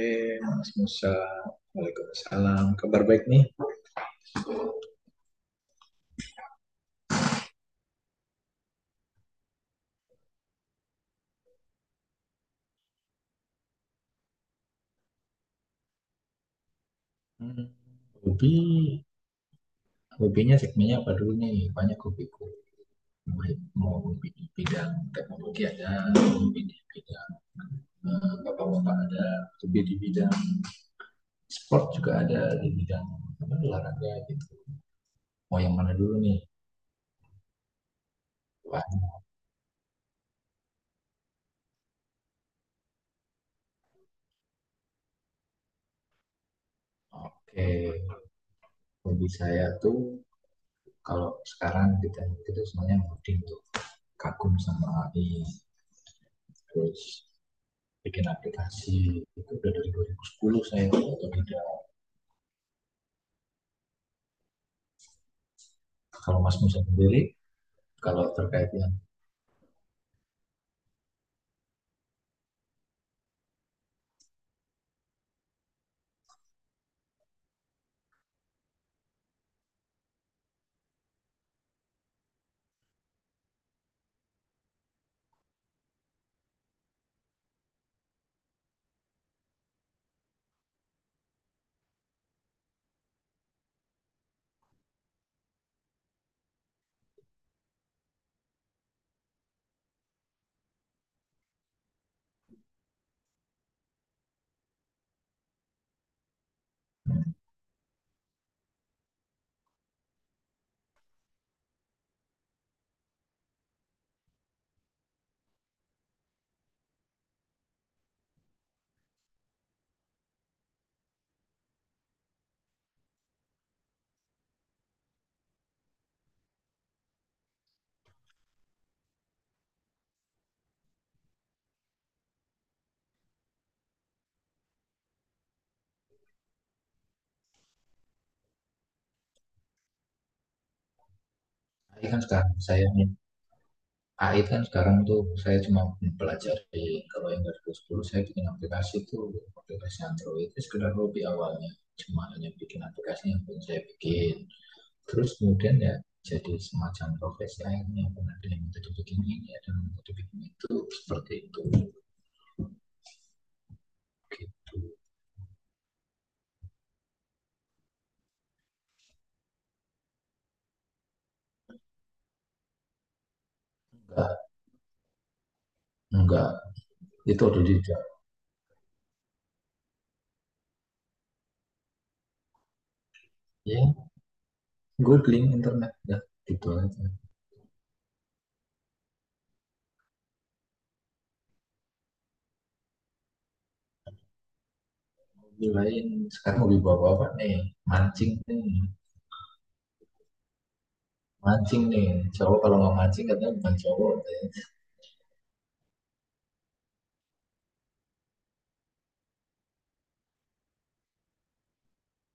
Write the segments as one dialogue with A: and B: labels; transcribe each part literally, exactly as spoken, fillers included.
A: Eh, Mas Musa, waalaikumsalam. Kabar baik nih? Hmm, hobi, hobinya segmennya apa dulu nih? Banyak hobiku. Baik, mau hobi di bidang teknologi ada, hobi di bidang eh, bapak-bapak ada, hobi di bidang sport juga ada, di bidang apa, olahraga gitu. Mau yang mana dulu nih? Wah, oke. Hobi saya tuh kalau sekarang kita itu semuanya ngoding tuh, kagum sama A I, terus bikin aplikasi itu udah dari dua ribu sepuluh, saya atau tidak. Kalau Mas Musa sendiri, kalau terkait yang A I, kan sekarang saya, A I kan sekarang tuh saya cuma mempelajari. Kalau yang dari dua ribu sepuluh saya bikin aplikasi itu, aplikasi Android itu sekedar hobi awalnya, cuma hanya bikin aplikasi yang pun saya bikin, terus kemudian ya jadi semacam profesi akhirnya. Pernah ada yang minta dibikin ini, ada yang minta dibikin itu, seperti itu gitu. enggak enggak itu udah tidak. Ya gue bling internet dah, gitu aja. Hobi lain, sekarang hobi bapak bapak nih, mancing nih, mancing nih cowok, kalau nggak mancing katanya bukan cowok deh.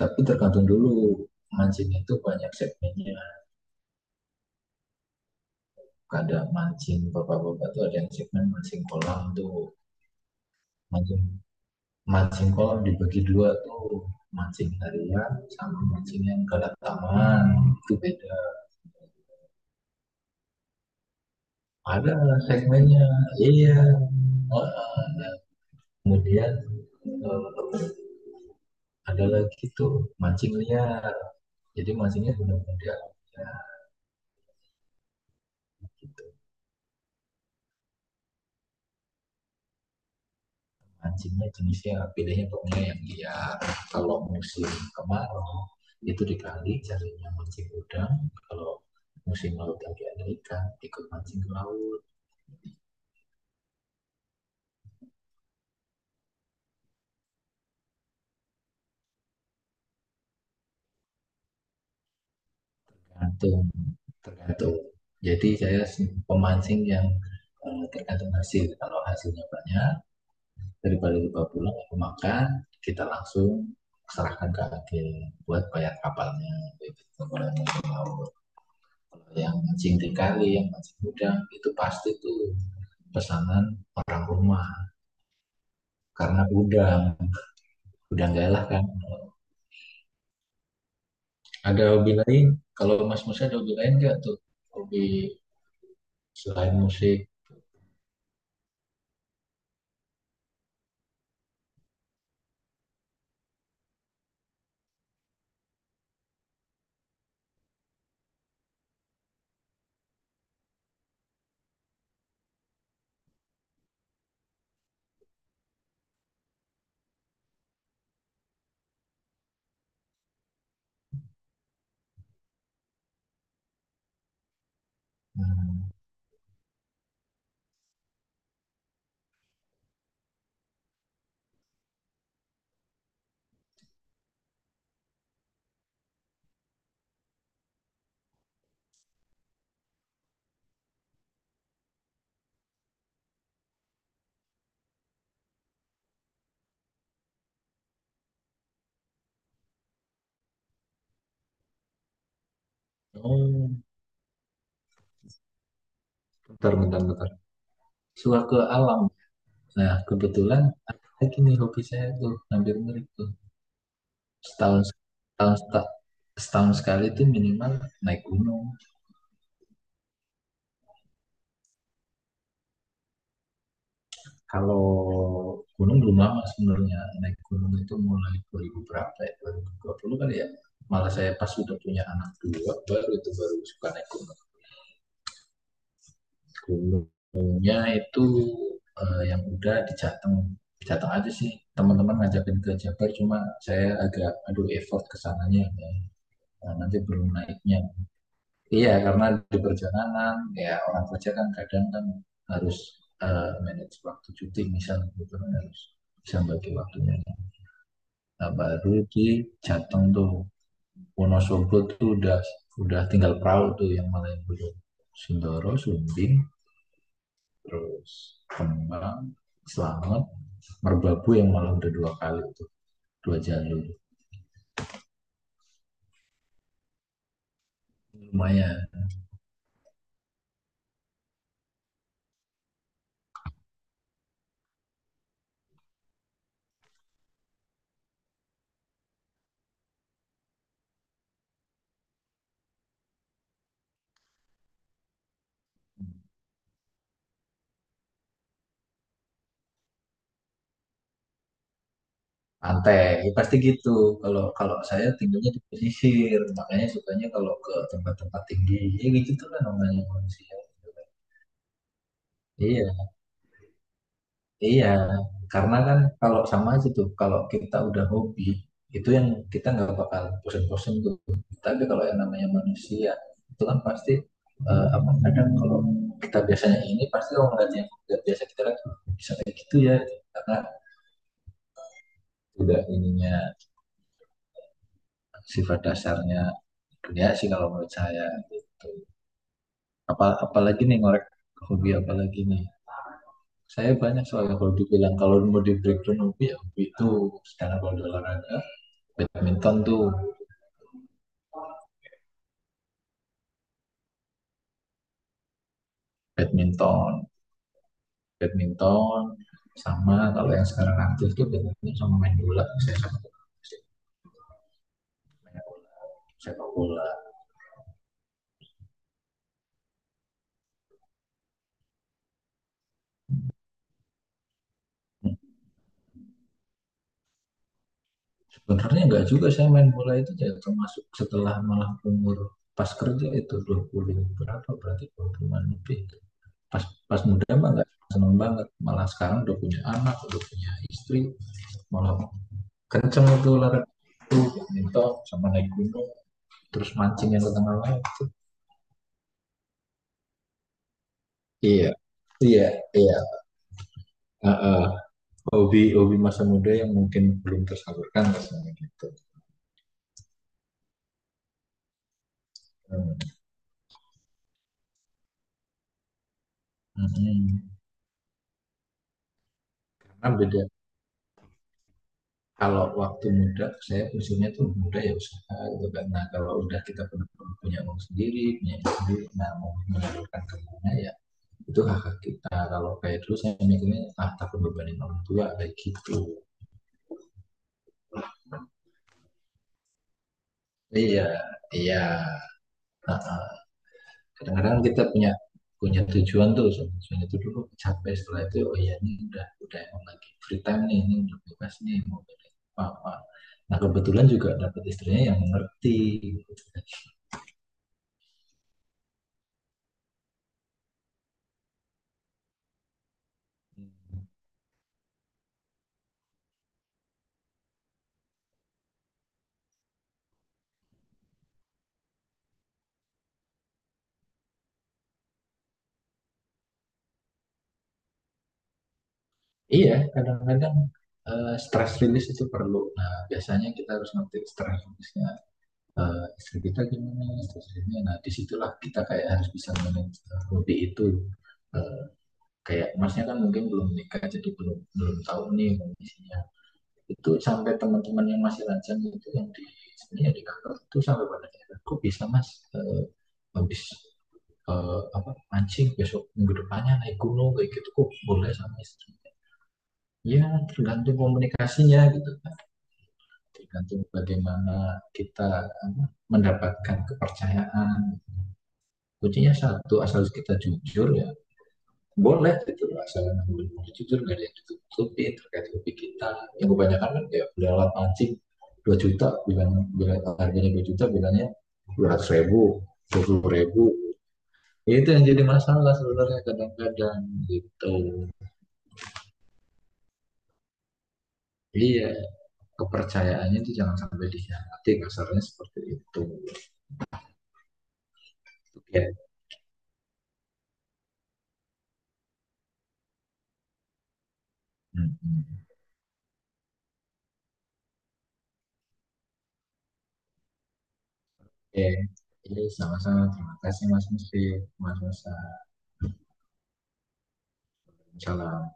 A: Tapi tergantung dulu, mancing itu banyak segmennya. Ada mancing bapak bapak tuh, ada yang segmen mancing kolam tuh. Mancing mancing kolam dibagi dua tuh, mancing harian sama mancing yang ke taman, itu beda. Ada segmennya, iya. Oh, ada. Kemudian eh, ada lagi tuh mancing liar, jadi mancingnya benar benda ya, gitu. Mancingnya jenisnya bedanya pokoknya yang dia, kalau musim kemarau itu di kali carinya mancing udang. Kalau musim laut lagi ada ikan, ikut mancing ke laut. Tergantung tergantung, jadi saya pemancing yang eh, tergantung hasil. Kalau hasilnya banyak daripada lupa pulang aku makan, kita langsung serahkan ke agen buat bayar kapalnya gitu. Yang kalau yang mancing di kali, yang mancing udang, itu pasti tuh pesanan orang rumah, karena udang udang galah kan. Ada hobi lain, kalau Mas Musa ada hobi lain nggak tuh, hobi selain musik. Hmm. Oh, bentar bentar bentar, suka ke alam. Nah kebetulan ada lagi nih hobi saya tuh hampir mirip tuh. Setahun setahun seta- Setahun sekali itu minimal naik gunung. Kalau gunung belum lama sebenarnya, naik gunung itu mulai dua ribu berapa ya, dua ribu dua puluh kali ya. Malah saya pas sudah punya anak dua, baru itu baru suka naik gunung. Gunungnya itu eh, yang udah di Jateng. Jateng aja sih, teman-teman ngajakin ke Jabar, cuma saya agak aduh, effort kesananya ya. Nah, nanti belum naiknya. Iya, karena di perjalanan, ya orang kerja kan kadang kan harus eh, manage waktu cuti misalnya, gitu kan harus bisa bagi waktunya. Nah, baru di Jateng tuh Wonosobo tuh udah udah tinggal perahu tuh, yang Malioboro, Sindoro, Sumbing, terus Kembang, Slamet, Merbabu yang malah udah dua kali tuh, dua jalur. Lumayan. Pantai, ya pasti gitu. Kalau kalau saya tinggalnya di pesisir, makanya sukanya kalau ke tempat-tempat tinggi. Ya gitu lah namanya manusia. Iya, iya. Karena kan kalau sama aja tuh, kalau kita udah hobi, itu yang kita nggak bakal bosen-bosen tuh. Tapi kalau yang namanya manusia, itu kan pasti eh, apa, kadang kalau kita biasanya ini pasti orang lain yang nggak biasa kita, kan bisa kayak gitu ya. Karena udah ininya, sifat dasarnya dunia sih kalau menurut saya, gitu. Apa, apalagi nih ngorek, hobi apalagi nih? Saya banyak soalnya kalau dibilang, kalau mau di breakdown hobi ya hobi itu. Sekarang kalau di olahraga, badminton tuh. Badminton, badminton sama kalau yang sekarang aktif tuh badminton sama main bola. Saya sama main bola, sepak bola. Sebenarnya enggak juga, saya main bola itu ya termasuk setelah, malah umur pas kerja itu dua puluh berapa, berarti dua puluh lebih. Pas pas muda mah nggak seneng banget, malah sekarang udah punya anak udah punya istri malah kenceng itu olahraga, itu minto sama naik gunung, terus mancing yang ke tengah laut. Iya, iya, iya. Uh, uh, hobi hobi masa muda yang mungkin belum tersalurkan rasanya gitu. Hmm. mm karena beda, kalau waktu muda saya usulnya tuh muda ya usaha gitu kan. Nah kalau udah kita punya, punya uang sendiri, punya sendiri, nah mau menyalurkan kemana ya. Itu kakak kita, kalau kayak dulu saya mikirnya ah takut bebanin orang tua kayak gitu. Iya iya. Nah, kadang-kadang kita punya, punya tujuan tuh. Tujuan itu dulu capek, setelah itu oh iya ini udah udah emang lagi free time nih, ini udah bebas nih, mau pilih apa apa. Nah kebetulan juga dapat istrinya yang mengerti. Iya, kadang-kadang eh, stress release itu perlu. Nah biasanya kita harus ngerti stress release-nya, eh, istri kita gimana istrinya. Nah disitulah kita kayak harus bisa manage eh, hobi itu. Eh, kayak masnya kan mungkin belum nikah, jadi belum belum tahu nih kondisinya itu. Sampai teman-teman yang masih lajang itu, yang di sini yang di kantor itu, sampai pada akhirnya kok bisa mas eh, habis eh, apa mancing, besok minggu depannya naik gunung kayak gitu, kok boleh sama istri. Ya tergantung komunikasinya gitu kan, tergantung bagaimana kita apa, mendapatkan kepercayaan. Kuncinya satu, asal kita jujur ya, boleh gitu, asal boleh jujur, nggak ada yang ditutupi terkait hobi kita. Yang kebanyakan kan ya udah, alat mancing dua juta, bilang bilang harganya dua juta, bilangnya dua ratus ribu, dua puluh ribu. Ya itu yang jadi masalah sebenarnya, kadang-kadang gitu. Iya, kepercayaannya itu jangan sampai dikhianati, kasarnya seperti itu. Oke, okay. mm -hmm. Oke, okay. Iya, sama-sama. Terima kasih Mas Musi, Mas Musa. Salam.